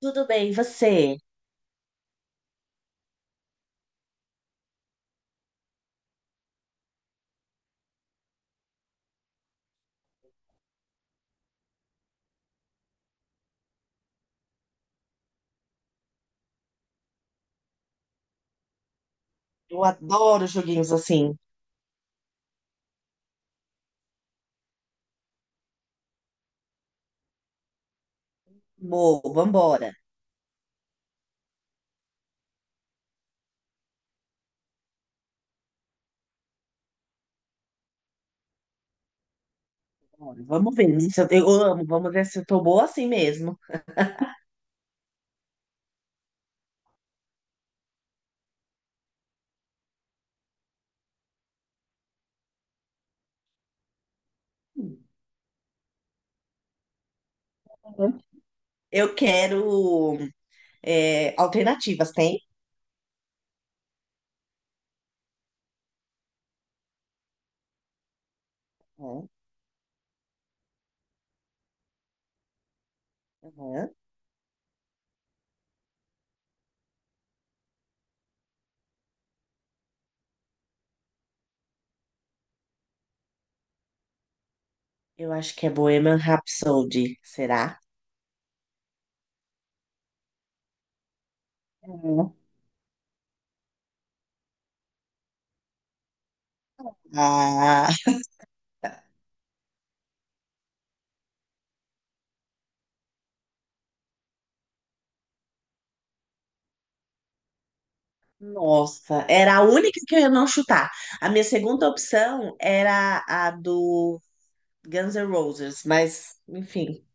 Tudo bem, e você? Eu adoro joguinhos assim. Boa, vambora. Bora, vamos ver, né? Se eu amo, vamos ver se eu tô boa assim mesmo. Uhum. Eu quero alternativas, tem? Uhum, uhum. Eu acho que é Bohemian Rhapsody, será? Uhum. Ah, nossa, era a única que eu ia não chutar. A minha segunda opção era a do Guns N' Roses, mas enfim.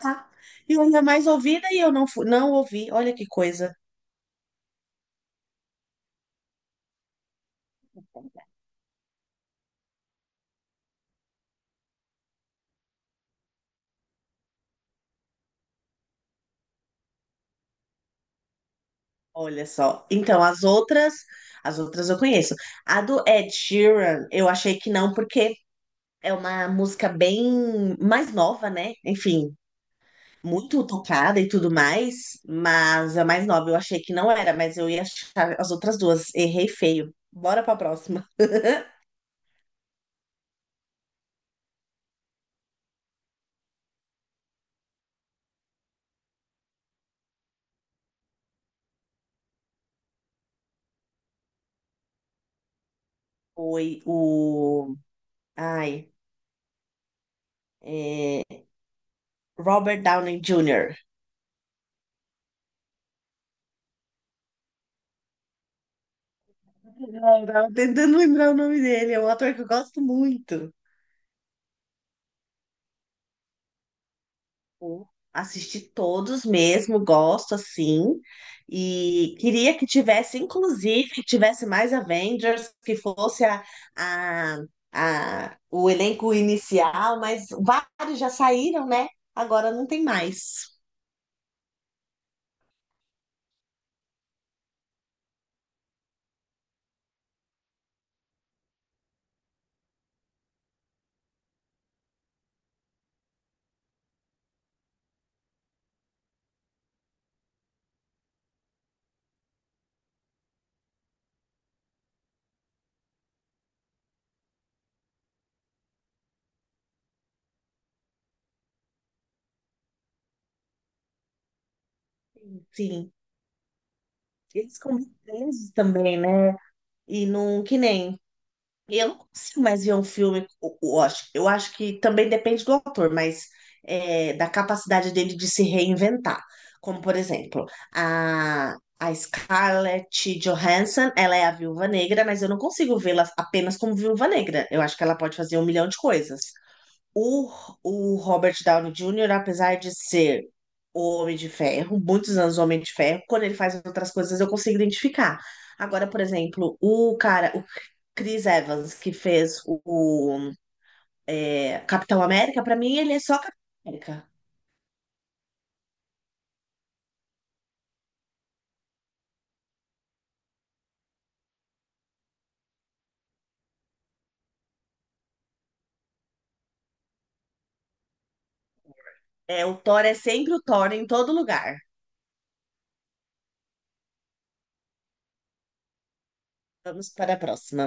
Tá. E ainda mais ouvida e eu não fui, não ouvi. Olha que coisa. Olha só. Então, as outras eu conheço. A do Ed Sheeran, eu achei que não, porque é uma música bem mais nova, né? Enfim, muito tocada e tudo mais, mas a mais nova eu achei que não era, mas eu ia achar as outras duas. Errei feio. Bora pra próxima. Foi o. Ai. é, Robert Downey Jr. Eu tava tentando lembrar o nome dele. É um ator que eu gosto muito. Tipo, assisti todos mesmo, gosto assim. E queria que tivesse, inclusive, que tivesse mais Avengers, que fosse a, o elenco inicial, mas vários já saíram, né? Agora não tem mais. Sim. Eles ficam muito presos também, né? E não, que nem. E eu não consigo mais ver um filme. Eu acho que também depende do autor, mas da capacidade dele de se reinventar. Como, por exemplo, a Scarlett Johansson, ela é a Viúva Negra, mas eu não consigo vê-la apenas como Viúva Negra. Eu acho que ela pode fazer um milhão de coisas. O, o Robert Downey Jr., apesar de ser o Homem de Ferro, muitos anos o Homem de Ferro, quando ele faz outras coisas eu consigo identificar. Agora, por exemplo, o cara, Chris Evans, que fez Capitão América, pra mim ele é só Capitão América. É, o Thor é sempre o Thor em todo lugar. Vamos para a próxima.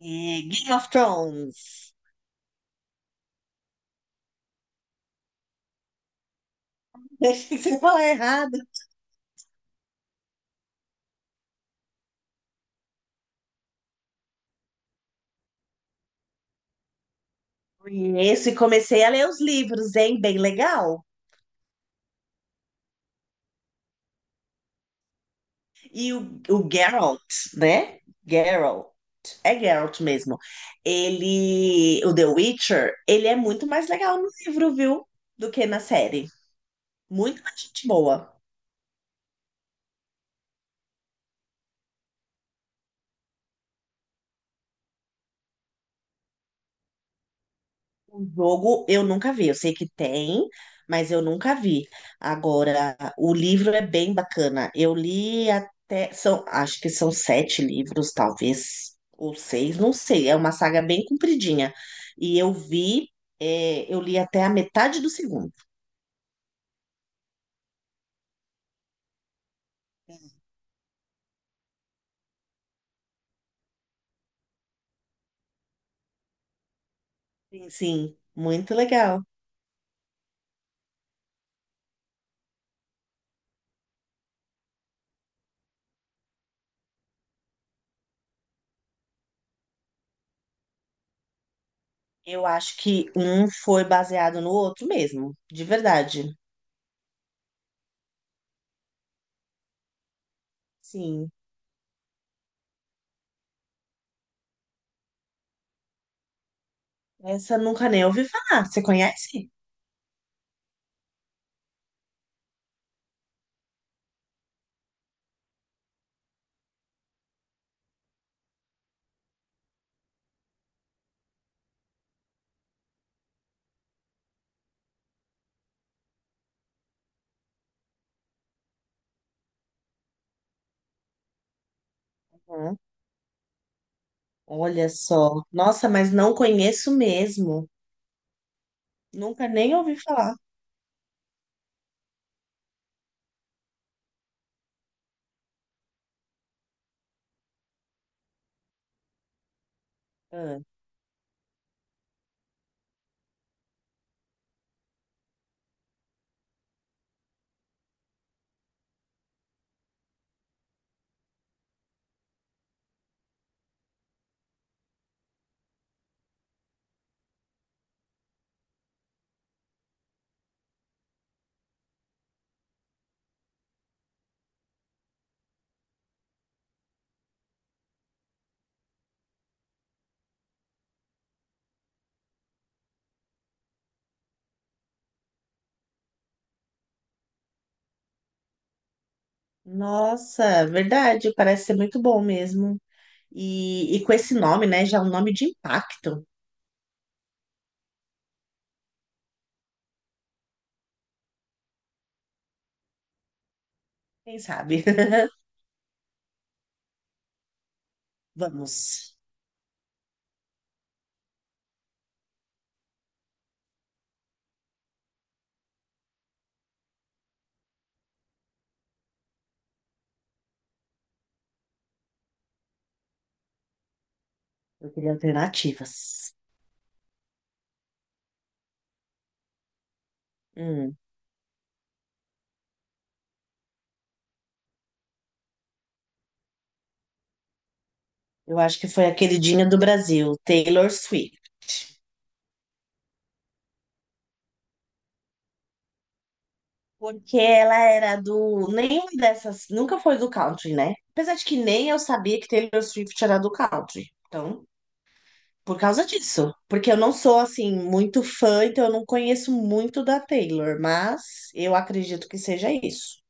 É, Game of Thrones. Você falar errado. Conheço e comecei a ler os livros, hein? Bem legal. E o Geralt, né? Geralt. É Geralt mesmo. Ele, o The Witcher, ele é muito mais legal no livro, viu? Do que na série. Muito mais gente boa. O jogo eu nunca vi, eu sei que tem, mas eu nunca vi. Agora, o livro é bem bacana. Eu li até, são, acho que são sete livros, talvez, ou seis, não sei. É uma saga bem compridinha. E eu vi, eu li até a metade do segundo. Sim, sim, muito legal. Eu acho que um foi baseado no outro mesmo, de verdade. Sim. Essa eu nunca nem ouvi falar. Você conhece? Uhum. Olha só. Nossa, mas não conheço mesmo. Nunca nem ouvi falar. Ah, nossa, verdade, parece ser muito bom mesmo. E com esse nome, né? Já é um nome de impacto. Quem sabe? Vamos. Eu queria alternativas. Hum, eu acho que foi a queridinha do Brasil, Taylor Swift. Porque ela era do. Nenhuma dessas. Nunca foi do country, né? Apesar de que nem eu sabia que Taylor Swift era do country. Então, por causa disso, porque eu não sou assim muito fã, então eu não conheço muito da Taylor, mas eu acredito que seja isso.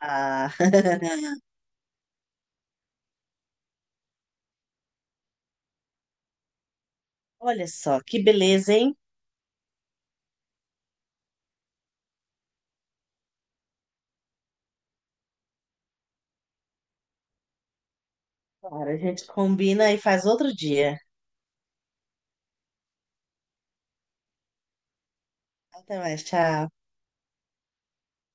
Ah, olha só, que beleza, hein? Claro, a gente combina e faz outro dia. Até mais, tchau.